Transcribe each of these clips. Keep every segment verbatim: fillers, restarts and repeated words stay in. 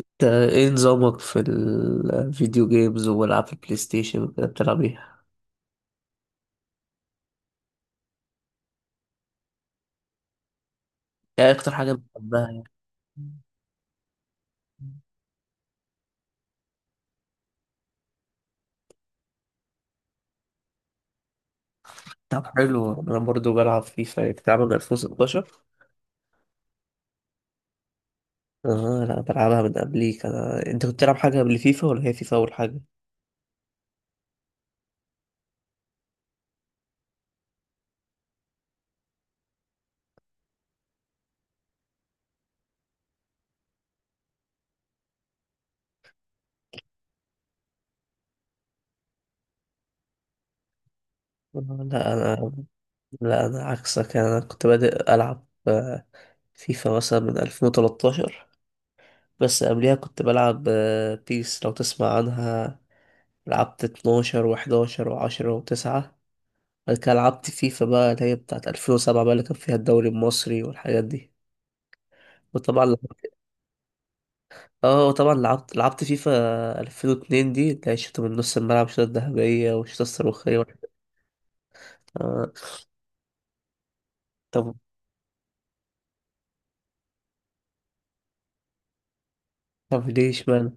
انت، ايه نظامك في الفيديو جيمز والعاب البلاي ستيشن وكده بتلعب ايه؟ ايه اكتر حاجة بتحبها يعني؟ طب حلو انا برضو بلعب فيفا، يعني بتلعبها من ألفين وستاشر. اه لا بلعبها من قبليك انا. انت كنت بتلعب حاجة قبل فيفا ولا هي فيفا اول حاجة؟ آه، لا انا، لا انا عكسك يعني. انا كنت بادئ العب آه، فيفا مثلا من ألفين وتلتاشر، بس قبليها كنت بلعب آه، بيس، لو تسمع عنها. لعبت اتناشر و11 و10 و9، بعد كده لعبت فيفا بقى اللي هي بتاعت ألفين وسبعة بقى، اللي كان فيها الدوري المصري والحاجات دي. وطبعا لعبت، اه وطبعا لعبت لعبت فيفا ألفين واتنين دي، اللي هي الشوطة من نص الملعب، الشوطة الذهبية والشوطة الصاروخية والحاجات-، آه. طب طب ليش مان،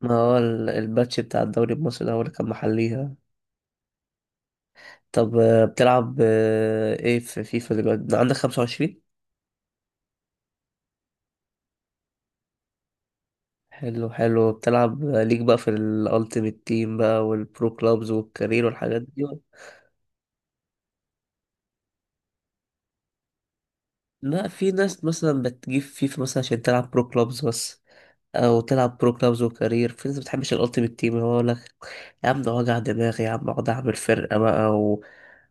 ما هو ال-، الباتش بتاع الدوري المصري ده هو اللي كان محليها. طب آه، بتلعب آه، ايه في فيفا دلوقتي، عندك خمسة وعشرين؟ حلو حلو، بتلعب ليك بقى في الالتيميت تيم بقى والبرو كلابز والكارير والحاجات دي؟ لا، في ناس مثلا بتجيب فيفا مثلا عشان تلعب برو كلابز بس، او تلعب برو كلابز وكارير. في ناس بتحبش الالتيميت تيم، هو يقول لك يا عم ده وجع دماغي، يا عم اقعد اعمل فرقه بقى و...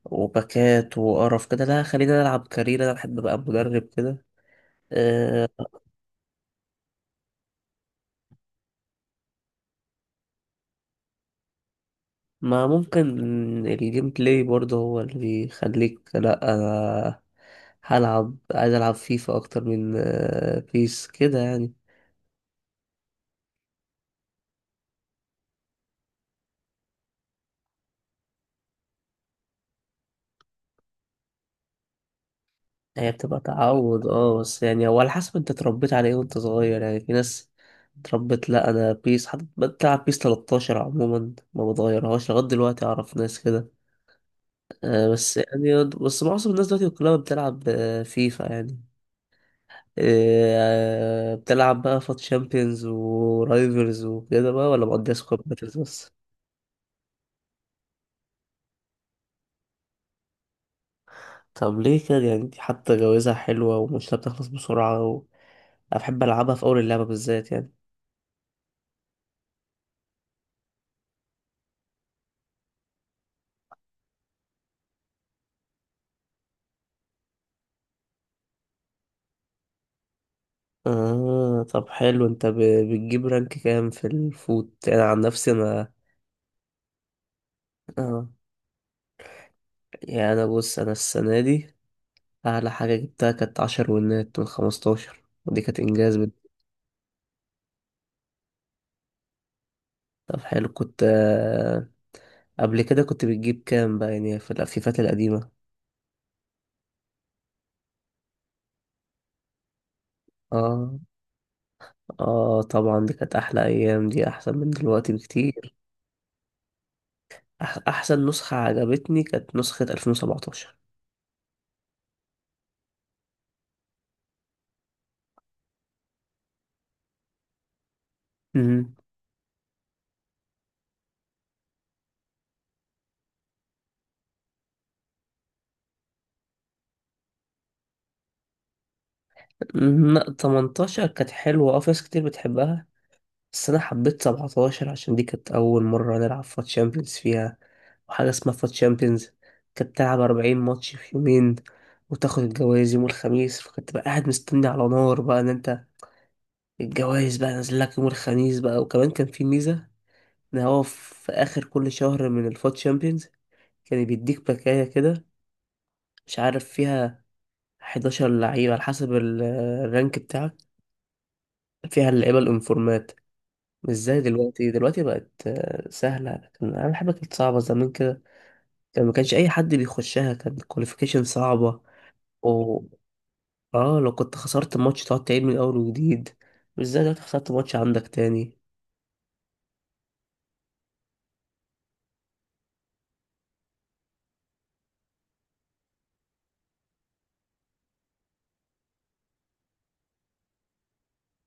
وباكات وقرف كده. لا خلينا نلعب كارير، انا بحب ابقى مدرب كده. أه. ما ممكن الجيم بلاي برضه هو اللي بيخليك. لا انا هلعب، عايز العب فيفا اكتر من آه، بيس كده يعني. هي بتبقى تعود، اه، بس يعني هو على حسب انت اتربيت على ايه وانت صغير. يعني في ناس اتربت، لا انا بيس، حد بتلعب بيس تلتاشر عموما ما بتغيرهاش لغايه دلوقتي، اعرف ناس كده. آه بس يعني، بس معظم الناس دلوقتي كلها بتلعب آه، فيفا يعني. آه، بتلعب بقى فات شامبيونز ورايفلز وكده بقى، ولا مقضيها سكواد باتلز بس؟ طب ليه كده يعني؟ دي حتى جوازها حلوة ومش بتخلص بسرعة و... أنا بحب ألعبها في أول اللعبة بالذات يعني. آه طب حلو. انت ب-، بتجيب رانك كام في الفوت؟ انا عن نفسي انا، آه، يعني انا بص، انا السنة دي اعلى حاجة جبتها كانت عشر ونات من خمستاشر، ودي كانت انجاز بد... طب حلو، كنت آه، قبل كده كنت بتجيب كام بقى يعني في الافيفات القديمة؟ اه، اه طبعا دي كانت احلى ايام، دي احسن من دلوقتي بكتير. أح احسن نسخة عجبتني كانت نسخة ألفين وسبعتاشر. امم، لا تمنتاشر كانت حلوة، اه في ناس كتير بتحبها، بس انا حبيت سبعتاشر عشان دي كانت اول مره نلعب فات شامبيونز فيها. وحاجه اسمها فات شامبيونز كانت بتلعب أربعين ماتش في يومين، وتاخد الجوائز يوم الخميس. فكنت بقى قاعد مستني على نار بقى ان انت الجوائز بقى نازل لك يوم الخميس بقى. وكمان كان في ميزه ان هو في اخر كل شهر من الفات شامبيونز كان بيديك باكايه كده، مش عارف فيها حداشر لعيبه على حسب ال-، الرانك بتاعك، فيها اللعيبه الانفورمات. مش زي دلوقتي، دلوقتي بقت آه، سهلة، لكن أنا حاجة كانت صعبة زمان كده. كان ما كانش أي حد بيخشها، كان الكواليفيكيشن صعبة و، اه لو كنت خسرت ماتش تقعد تعيد من أول وجديد، مش زي دلوقتي خسرت ماتش عندك تاني.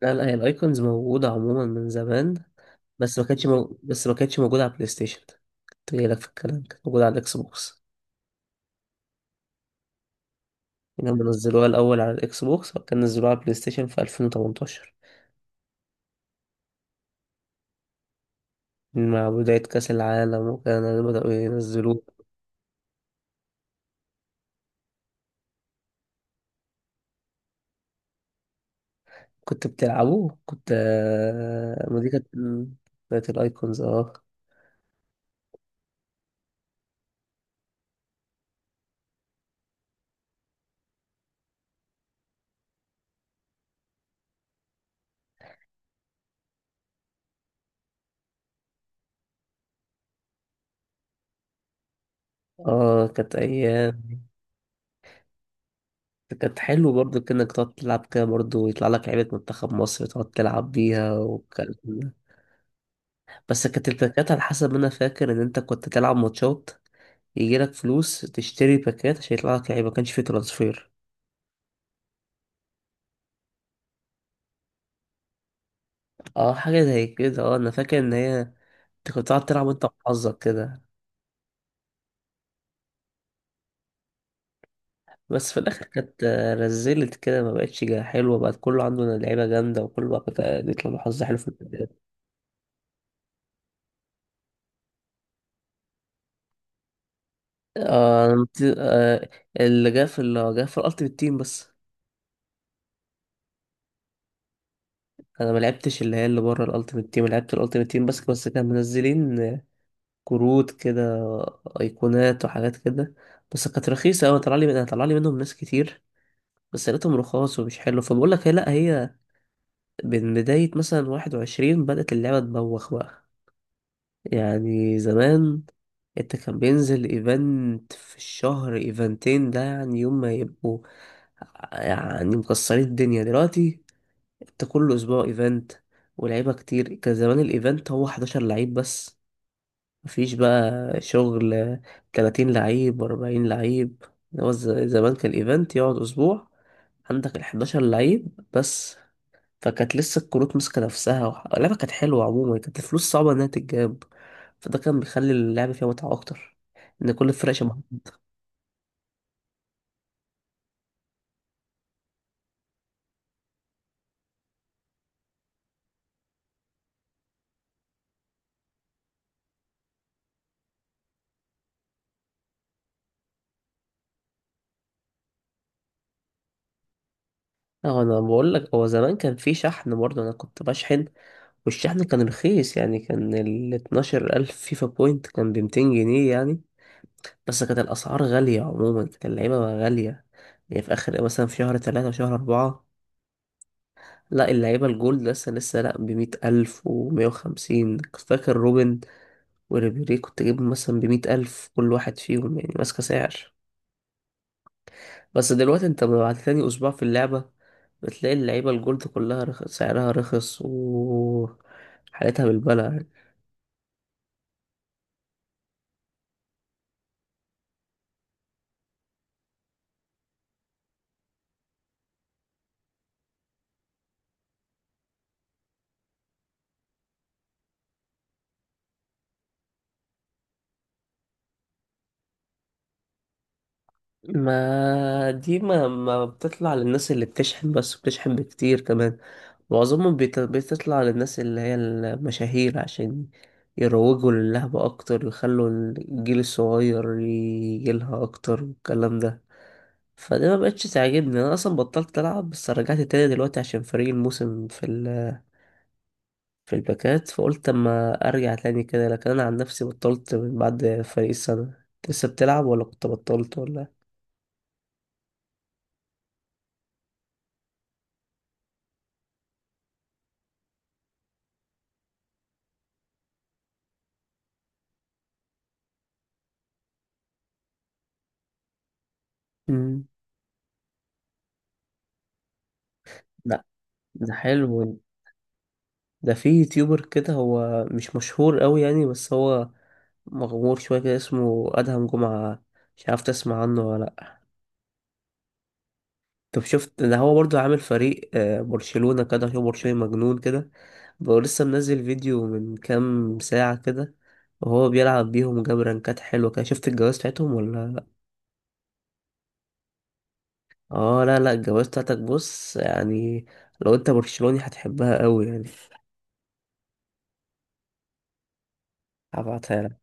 لا لا هي الأيكونز موجودة عموما من زمان، بس ما كانتش مو...، بس ما كانتش موجودة على البلاي ستيشن. كنت جاي لك في الكلام، كانت موجودة على الإكس بوكس. يعني هم نزلوها الأول على الإكس بوكس، وبعد كده نزلوها على البلاي ستيشن في ألفين وتمنتاشر مع بداية كأس العالم، وكانوا بدأوا ينزلوها. كنت بتلعبوه، كنت آه، ما دي كانت مم، بتاعت الايكونز، اه. اه كانت ايام، كانت حلو برضو، كأنك تقعد تلعب كده برضو، يطلع لك لعيبة منتخب مصر تقعد تلعب بيها والكلام ده. بس كانت الباكات على حسب ما انا فاكر ان انت كنت تلعب ماتشات يجي لك فلوس، تشتري باكات عشان يطلع لك لعيبة، ما كانش فيه ترانسفير. اه حاجة زي كده، اه انا فاكر ان هي انت كنت تقعد تلعب وانت وحظك كده. بس في الاخر كانت آه، رزلت كده، ما بقتش جا-، حلوه، بقت كله عنده لعيبه جامده، وكله بقى كانت-، آه، بيطلع له حظ حلو في البداية. آه أنا مت-، آه، اللي جه في اللي جه في الالتيمت تيم بس. انا ما لعبتش اللي هي اللي بره الالتيمت تيم، لعبت الالتيمت تيم بس. بس كان منزلين آه، كروت كده، آه، ايقونات وحاجات كده، بس كانت رخيصه قوي. طلع لي من-، طلع لي منهم ناس كتير، بس لقيتهم رخاص ومش حلو. فبقول لك هي، لا هي من بدايه مثلا واحد وعشرين بدات اللعبه تبوخ بقى. يعني زمان انت كان بينزل ايفنت في الشهر، ايفنتين ده يعني، يوم ما يبقوا يعني مكسرين الدنيا. دلوقتي انت كل اسبوع ايفنت، ولعيبه كتير. كان زمان الايفنت هو حداشر لعيب بس، مفيش بقى شغل تلاتين لعيب أربعين لعيب. هو ز-، زمان كان الايفنت يقعد اسبوع، عندك ال حداشر لعيب بس. فكانت لسه الكروت ماسكة نفسها، وح-، اللعبة كانت حلوة عموما، كانت الفلوس صعبة إنها تتجاب، فده كان بيخلي اللعبة فيها متعة أكتر، إن كل الفرق شبه بعض. اه انا بقول لك هو زمان كان في شحن برضه، انا كنت بشحن. والشحن كان رخيص، يعني كان ال اتناشر ألف الف فيفا بوينت كان ب ميتين جنيه يعني، بس كانت الاسعار غاليه عموما، كانت اللعيبه غاليه. يعني في اخر مثلا في شهر ثلاثة وشهر أربعة، لا اللعيبه الجولد لسه لسه لا ب مية ألف الف و مية وخمسين. فاكر روبن وريبيري كنت جايبهم مثلا بمية ألف كل واحد فيهم، يعني ماسكة سعر. بس دلوقتي انت بعد تاني أسبوع في اللعبة بتلاقي اللعيبة الجولد كلها رخ-، سعرها رخص و حالتها بالبلع يعني. ما دي ما, ما بتطلع للناس اللي بتشحن بس، بتشحن بكتير كمان. معظمهم بيت-، بتطلع للناس اللي هي المشاهير عشان يروجوا للعبة أكتر، ويخلوا الجيل الصغير يجيلها أكتر والكلام ده. فدي ما بقتش تعجبني، انا اصلا بطلت العب، بس رجعت تاني دلوقتي عشان فريق الموسم في ال-، في الباكات، فقلت اما ارجع تاني كده. لكن انا عن نفسي بطلت من بعد فريق السنه. انت لسه بتلعب ولا كنت بطلت ولا؟ مم. لا ده حلو. ده في يوتيوبر كده، هو مش مشهور قوي يعني، بس هو مغمور شويه كده، اسمه ادهم جمعه، مش عارف تسمع عنه ولا لأ. طب شفت ده؟ هو برضو عامل فريق آه، برشلونة كده. هو برشلونة مجنون كده بقى. لسه منزل فيديو من كام ساعة كده، وهو بيلعب بيهم وجاب رانكات حلوة كده. شفت الجواز بتاعتهم ولا لأ؟ اه لا لا الجواز بتاعتك بص يعني، لو انت برشلوني هتحبها قوي يعني. هبعتها لك،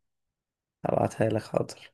هبعتها لك حاضر.